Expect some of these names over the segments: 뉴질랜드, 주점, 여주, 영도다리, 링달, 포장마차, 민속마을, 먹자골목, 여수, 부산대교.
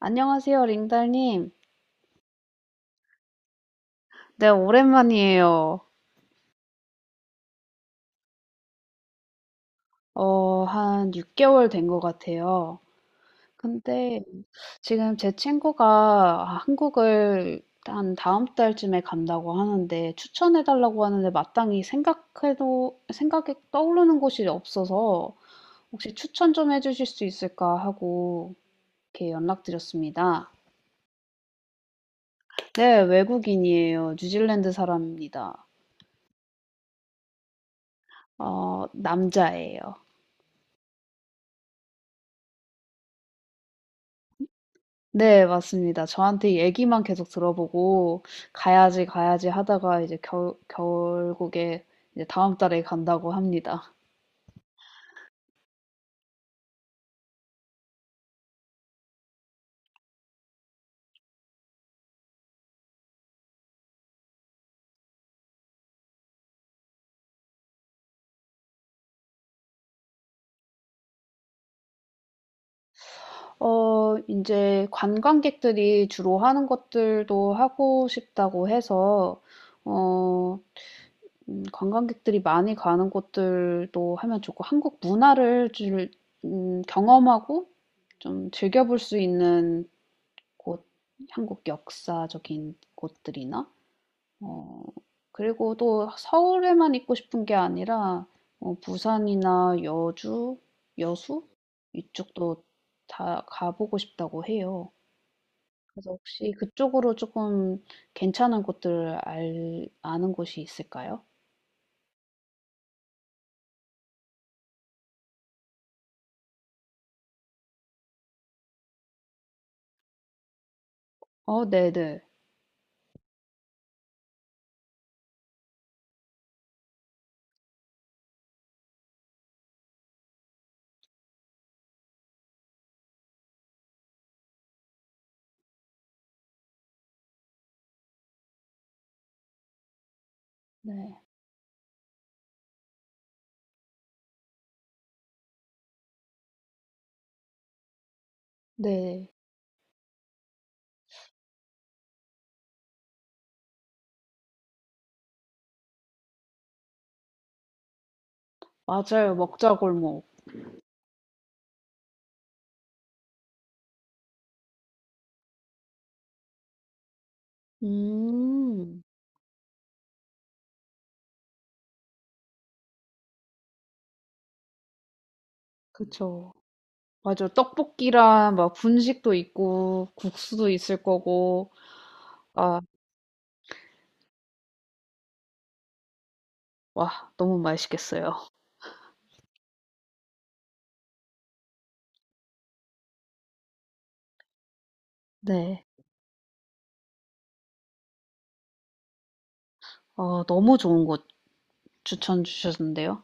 안녕하세요, 링달님. 네, 오랜만이에요. 한 6개월 된 것 같아요. 근데 지금 제 친구가 한국을 한 다음 달쯤에 간다고 하는데, 추천해달라고 하는데 마땅히 생각해도, 생각에 떠오르는 곳이 없어서 혹시 추천 좀 해주실 수 있을까 하고 이렇게 연락드렸습니다. 네, 외국인이에요. 뉴질랜드 사람입니다. 남자예요. 네, 맞습니다. 저한테 이 얘기만 계속 들어보고 가야지 가야지 하다가 이제 결국에 이제 다음 달에 간다고 합니다. 이제 관광객들이 주로 하는 것들도 하고 싶다고 해서. 어, 관광객들이 많이 가는 곳들도 하면 좋고, 한국 문화를 경험하고 좀 즐겨볼 수 있는 곳, 한국 역사적인 곳들이나, 어, 그리고 또 서울에만 있고 싶은 게 아니라 부산이나 여주, 여수 이쪽도 다 가보고 싶다고 해요. 그래서 혹시 그쪽으로 조금 괜찮은 곳들 아는 곳이 있을까요? 어, 네네. 네. 네. 네. 맞아요. 먹자골목. 음, 그쵸. 맞아. 떡볶이랑 막 분식도 있고, 국수도 있을 거고, 아, 와, 너무 맛있겠어요. 네. 어, 너무 좋은 곳 추천 주셨는데요.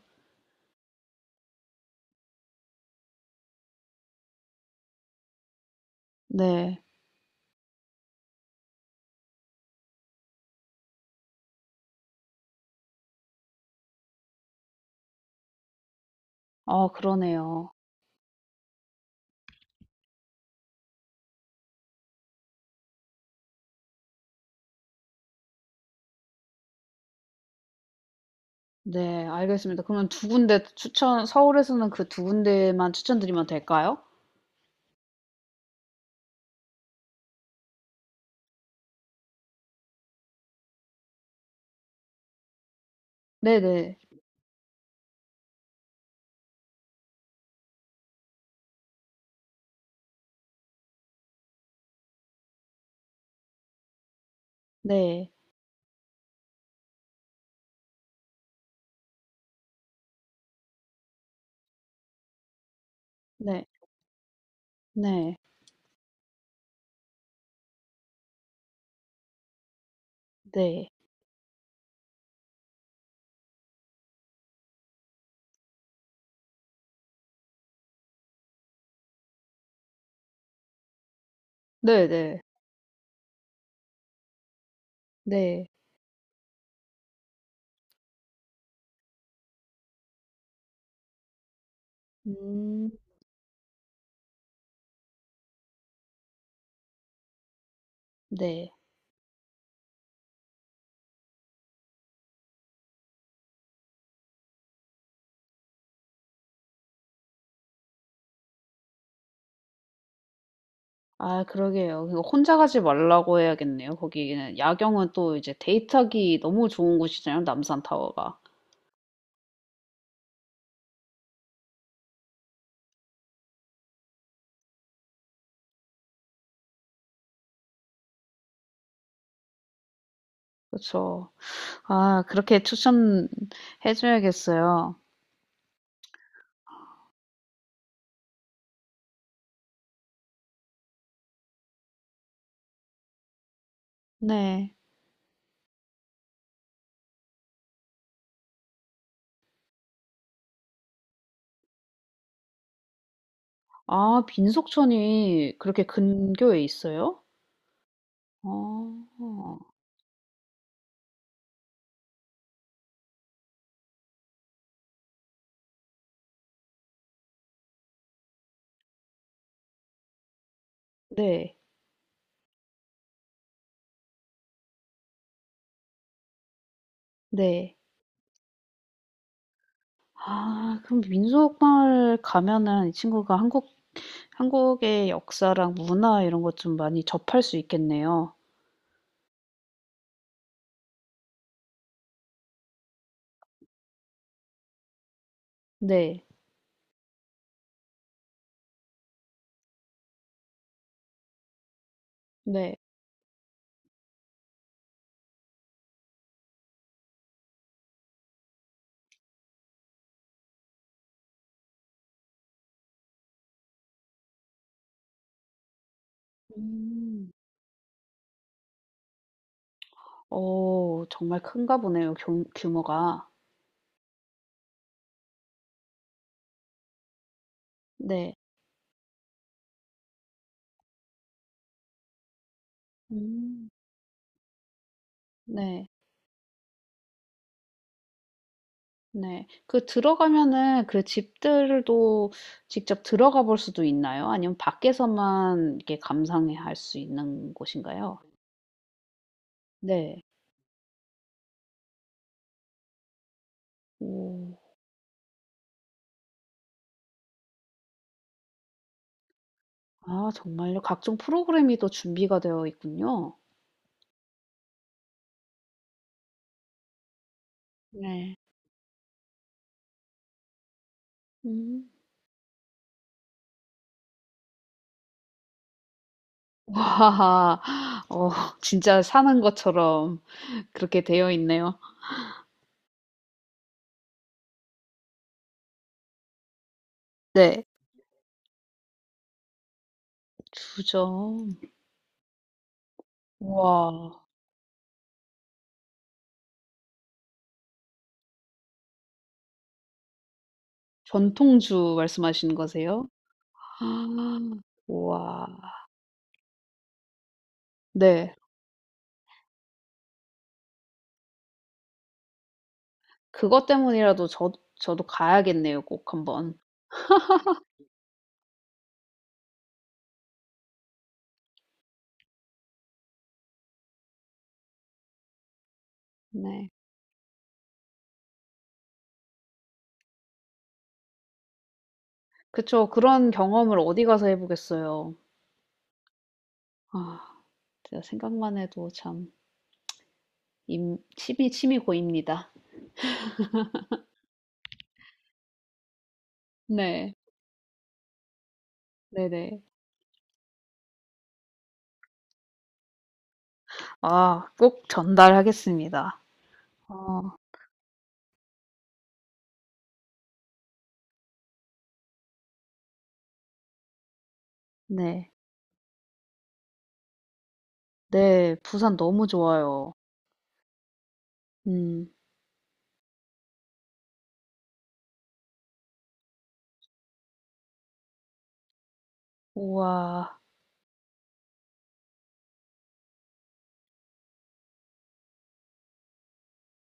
네. 아, 그러네요. 네, 알겠습니다. 그러면 두 군데 추천, 서울에서는 그 두 군데만 추천드리면 될까요? 네네. 네. 네. 네. 네. 네네. 네. 네. 네. 음. 네. 아, 그러게요. 그거 혼자 가지 말라고 해야겠네요. 거기는 야경은 또 이제 데이트하기 너무 좋은 곳이잖아요, 남산타워가. 그죠. 아, 그렇게 추천해 줘야겠어요. 네. 아, 민속촌이 그렇게 근교에 있어요? 아, 네, 네. 아, 그럼 민속마을 가면은 이 친구가 한국, 한국의 역사랑 문화 이런 것 좀 많이 접할 수 있겠네요. 네, 네. 음, 어, 정말 큰가 보네요, 규모가. 네, 음, 네. 네. 그 들어가면은 그 집들도 직접 들어가 볼 수도 있나요? 아니면 밖에서만 이렇게 감상해 할 수 있는 곳인가요? 네. 오. 아 정말요? 각종 프로그램이 또 준비가 되어 있군요. 네. 음. 와. 어, 진짜 사는 것처럼 그렇게 되어 있네요. 네. 주점. 우와. 전통주 말씀하시는 거세요? 아. 우와. 네. 그것 때문이라도 저도 가야겠네요, 꼭 한번. 네. 그쵸. 그런 경험을 어디 가서 해 보겠어요. 아, 진짜 생각만 해도 참 임 침이 침이 고입니다. 네. 네네. 아 꼭 전달하겠습니다. 아 네. 네. 부산 너무 좋아요. 음. 우와.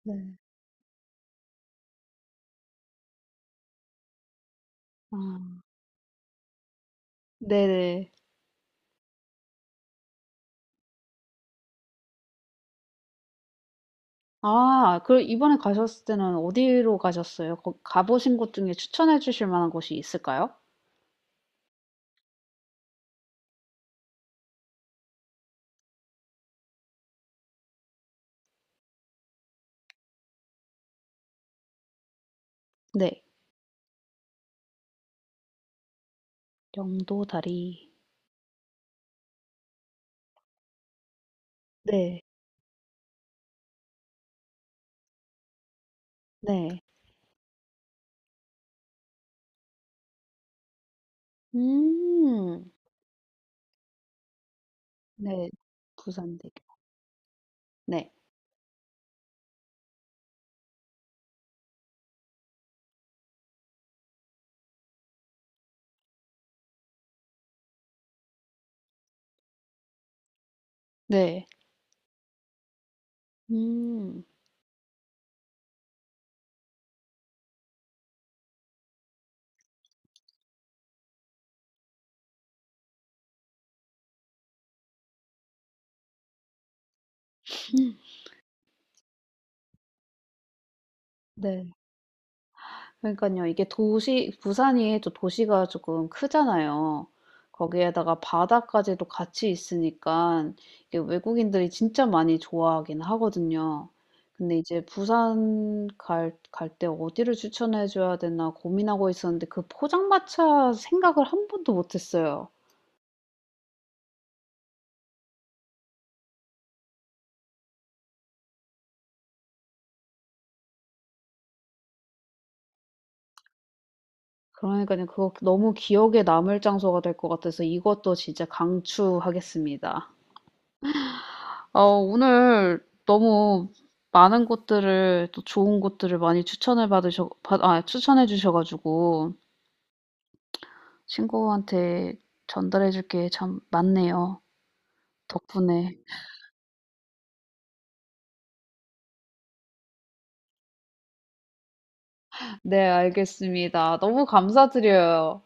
네. 아 네네. 아, 그럼 이번에 가셨을 때는 어디로 가셨어요? 거 가 보신 곳 중에 추천해 주실 만한 곳이 있을까요? 네. 영도다리. 네. 네. 음. 네. 부산대교. 네. 네. 음. 음, 네. 그러니까요, 이게 도시 부산이 또 도시가 조금 크잖아요. 거기에다가 바다까지도 같이 있으니까 이게 외국인들이 진짜 많이 좋아하긴 하거든요. 근데 이제 부산 갈 때 어디를 추천해 줘야 되나 고민하고 있었는데, 그 포장마차 생각을 한 번도 못 했어요. 그러니까요. 그거 너무 기억에 남을 장소가 될 것 같아서 이것도 진짜 강추하겠습니다. 어, 오늘 너무 많은 곳들을 또 좋은 곳들을 많이 추천을 추천해 주셔가지고 친구한테 전달해 줄게 참 많네요. 덕분에. 네, 알겠습니다. 너무 감사드려요.